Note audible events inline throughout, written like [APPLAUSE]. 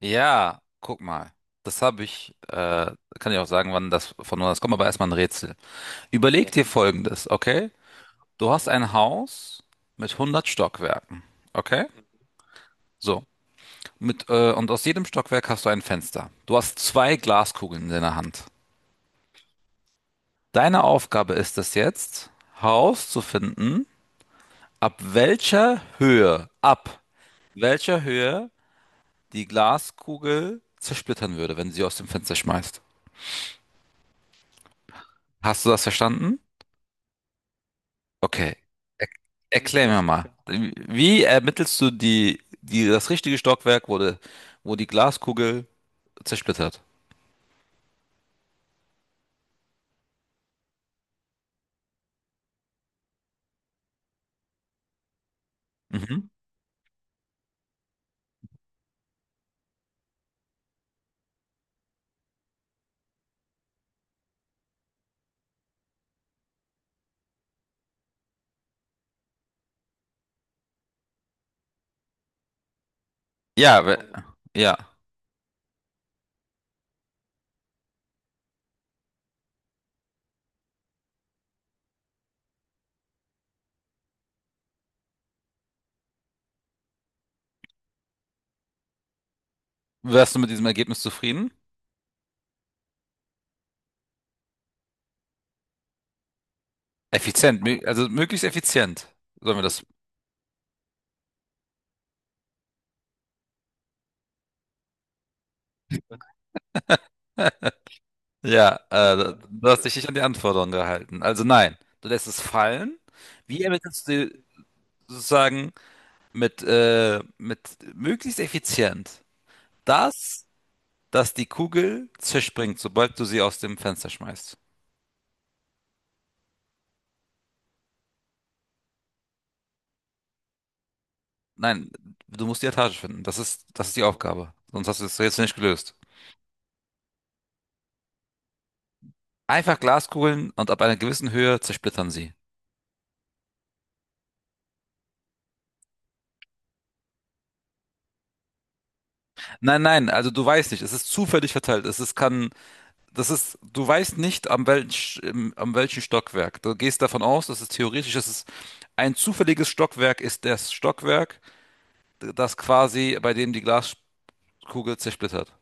Ja, guck mal. Das habe ich, kann ich auch sagen, wann das kommt, aber erstmal ein Rätsel. Überleg, okay, dir Folgendes, okay? Du hast ein Haus mit 100 Stockwerken, okay? So, und aus jedem Stockwerk hast du ein Fenster. Du hast zwei Glaskugeln in deiner Hand. Deine Aufgabe ist es jetzt, herauszufinden, ab welcher Höhe die Glaskugel zersplittern würde, wenn du sie aus dem Fenster schmeißt. Hast du das verstanden? Okay. Er erklär mir mal. Wie ermittelst du das richtige Stockwerk, wo die Glaskugel zersplittert? Mhm. Ja, ja. Wärst du mit diesem Ergebnis zufrieden? Effizient, also möglichst effizient. Sollen wir das? Ja, du hast dich nicht an die Anforderungen gehalten. Also nein, du lässt es fallen. Wie ermittelst du sozusagen mit möglichst effizient das, dass die Kugel zerspringt, sobald du sie aus dem Fenster schmeißt. Nein, du musst die Etage finden. Das ist die Aufgabe. Sonst hast du es jetzt nicht gelöst. Einfach Glaskugeln und ab einer gewissen Höhe zersplittern sie. Nein, nein, also du weißt nicht, es ist zufällig verteilt. Du weißt nicht am welchen Stockwerk. Du gehst davon aus, dass es ein zufälliges Stockwerk ist, das Stockwerk, das quasi, bei dem die Glaskugel zersplittert.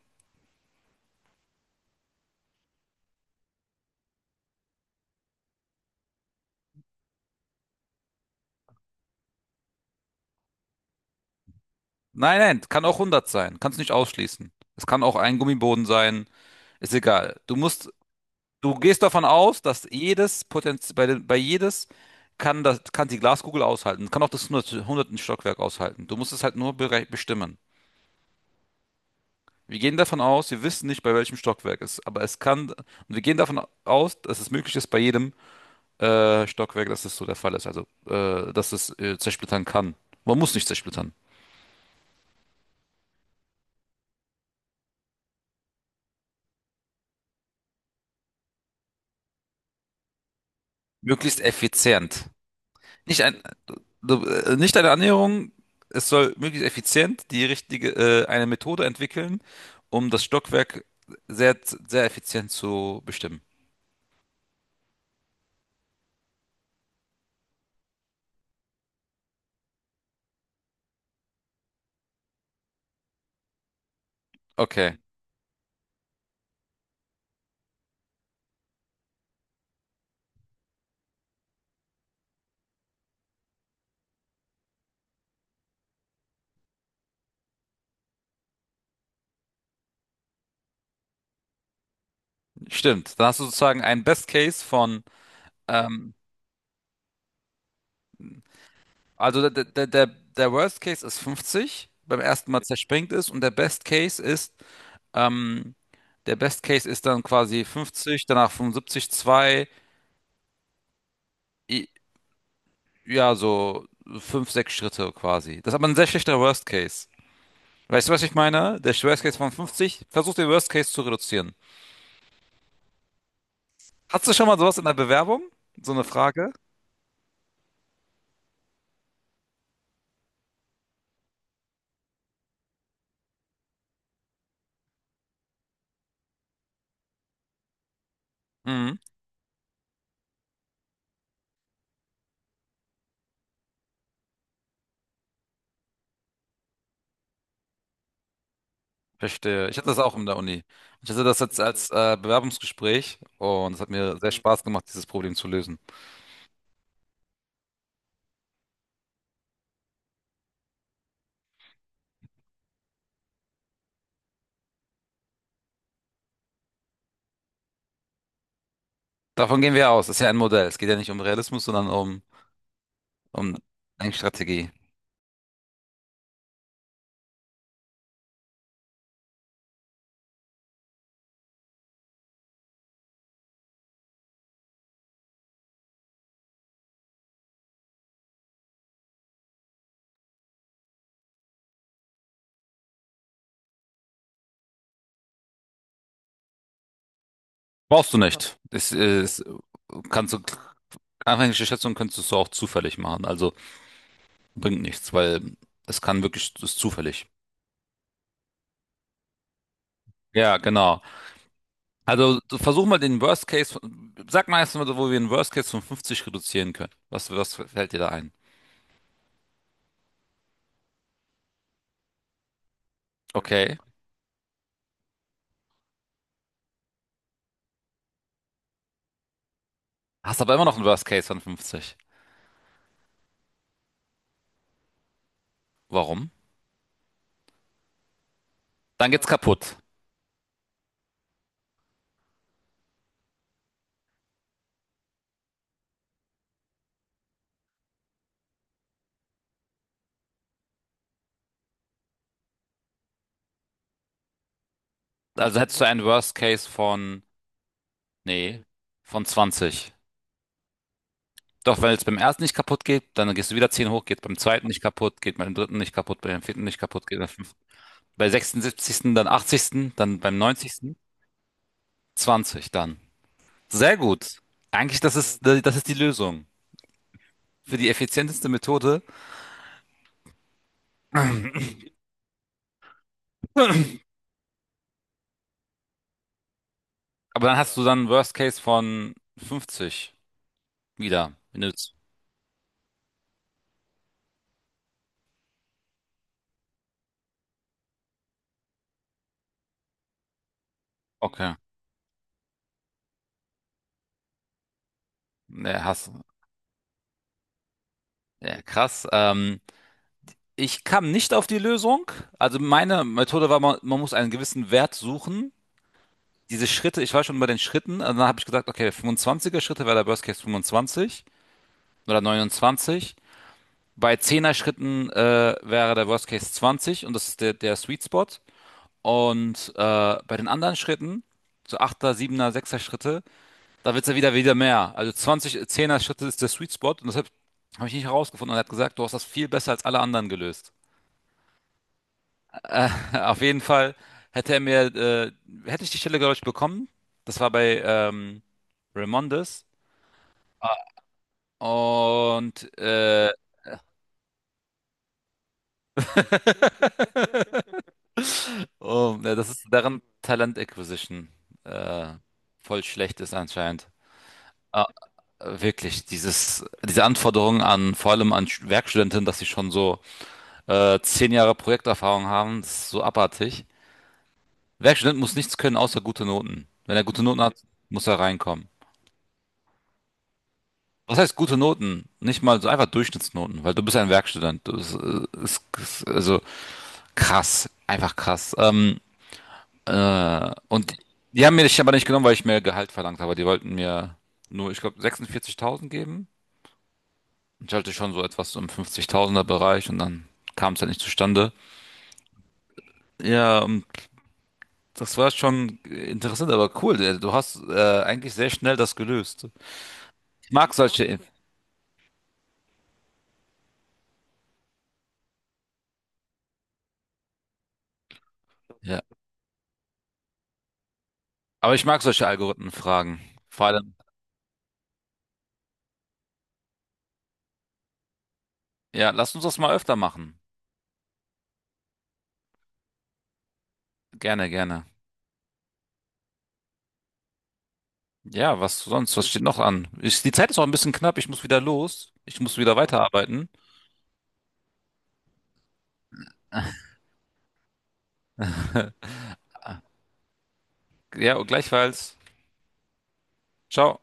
Nein, nein, kann auch 100 sein. Kannst nicht ausschließen. Es kann auch ein Gummiboden sein. Ist egal. Du gehst davon aus, dass jedes Potenz bei jedes kann die Glaskugel aushalten. Kann auch das 100 hundertsten Stockwerk aushalten. Du musst es halt nur bestimmen. Wir gehen davon aus, wir wissen nicht, bei welchem Stockwerk es ist, aber und wir gehen davon aus, dass es möglich ist, bei jedem Stockwerk, dass es so der Fall ist. Also, dass es zersplittern kann. Man muss nicht zersplittern. Möglichst effizient. Nicht ein, nicht eine Annäherung. Es soll möglichst effizient eine Methode entwickeln, um das Stockwerk sehr, sehr effizient zu bestimmen. Okay, stimmt. Dann hast du sozusagen einen Best Case von, ähm, also der Worst Case ist 50, beim ersten Mal zerspringt es und ähm, der Best Case ist dann quasi 50, danach 75, 2 i- ja, so 5 6 Schritte quasi. Das ist aber ein sehr schlechter Worst Case. Weißt du, was ich meine? Der Worst Case von 50, versuch den Worst Case zu reduzieren. Hast du schon mal sowas in der Bewerbung? So eine Frage? Mhm, verstehe. Ich hatte das auch in der Uni. Ich hatte das jetzt als Bewerbungsgespräch und es hat mir sehr Spaß gemacht, dieses Problem zu lösen. Davon gehen wir aus. Das ist ja ein Modell. Es geht ja nicht um Realismus, sondern um Denkstrategie. Brauchst du nicht. Das ist, kannst du, anfängliche Schätzungen kannst du so auch zufällig machen. Also bringt nichts, weil es ist zufällig. Ja, genau. Also versuch mal den Worst Case, sag mal erst mal, so, wo wir den Worst Case von 50 reduzieren können. Was fällt dir da ein? Okay. Hast aber immer noch einen Worst Case von 50. Warum? Dann geht's kaputt. Also hättest du einen Worst Case von, nee, von 20. Doch, wenn es beim ersten nicht kaputt geht, dann gehst du wieder 10 hoch, geht beim zweiten nicht kaputt, geht beim dritten nicht kaputt, beim vierten nicht kaputt, geht beim fünften. Bei 76., dann 80., dann beim 90., 20 dann. Sehr gut. Eigentlich, das ist die Lösung. Für die effizienteste Methode. [CLEARS THROAT] Aber dann hast du dann einen Worst Case von 50 wieder. Wenn du Okay. Ja, ja, krass. Ich kam nicht auf die Lösung. Also meine Methode war, man muss einen gewissen Wert suchen. Diese Schritte, ich war schon bei den Schritten. Also dann habe ich gesagt, okay, 25er Schritte wäre der Worst Case 25 oder 29. Bei Zehner Schritten wäre der Worst Case 20 und das ist der Sweet Spot. Und bei den anderen Schritten, so Achter, Siebener, Sechser Schritte, da wird's ja wieder mehr. Also 20 Zehner Schritte ist der Sweet Spot und deshalb habe ich nicht herausgefunden. Und er hat gesagt, du hast das viel besser als alle anderen gelöst. [LAUGHS] Auf jeden Fall hätte er mir, äh, hätte ich die Stelle, glaube ich, bekommen. Das war bei Raimondes. Und oh, ja, das ist deren Talent Acquisition äh, voll schlecht, ist anscheinend. Ah, wirklich, diese Anforderungen an, vor allem an Werkstudentinnen, dass sie schon so 10 Jahre Projekterfahrung haben, das ist so abartig. Werkstudent muss nichts können außer gute Noten. Wenn er gute Noten hat, muss er reinkommen. Was heißt gute Noten? Nicht mal so einfach Durchschnittsnoten, weil du bist ja ein Werkstudent. Das ist also krass, einfach krass. Und die haben mir dich aber nicht genommen, weil ich mehr Gehalt verlangt habe. Die wollten mir nur, ich glaube, 46.000 geben. Ich hatte schon so etwas im 50.000er Bereich und dann kam es halt nicht zustande. Ja, und das war schon interessant, aber cool. Du hast eigentlich sehr schnell das gelöst. Ich mag solche, ja. Aber ich mag solche Algorithmenfragen. Vor allem, ja, lass uns das mal öfter machen. Gerne, gerne. Ja, was sonst? Was steht noch an? Die Zeit ist auch ein bisschen knapp. Ich muss wieder los. Ich muss wieder weiterarbeiten. [LAUGHS] Ja, und gleichfalls. Ciao.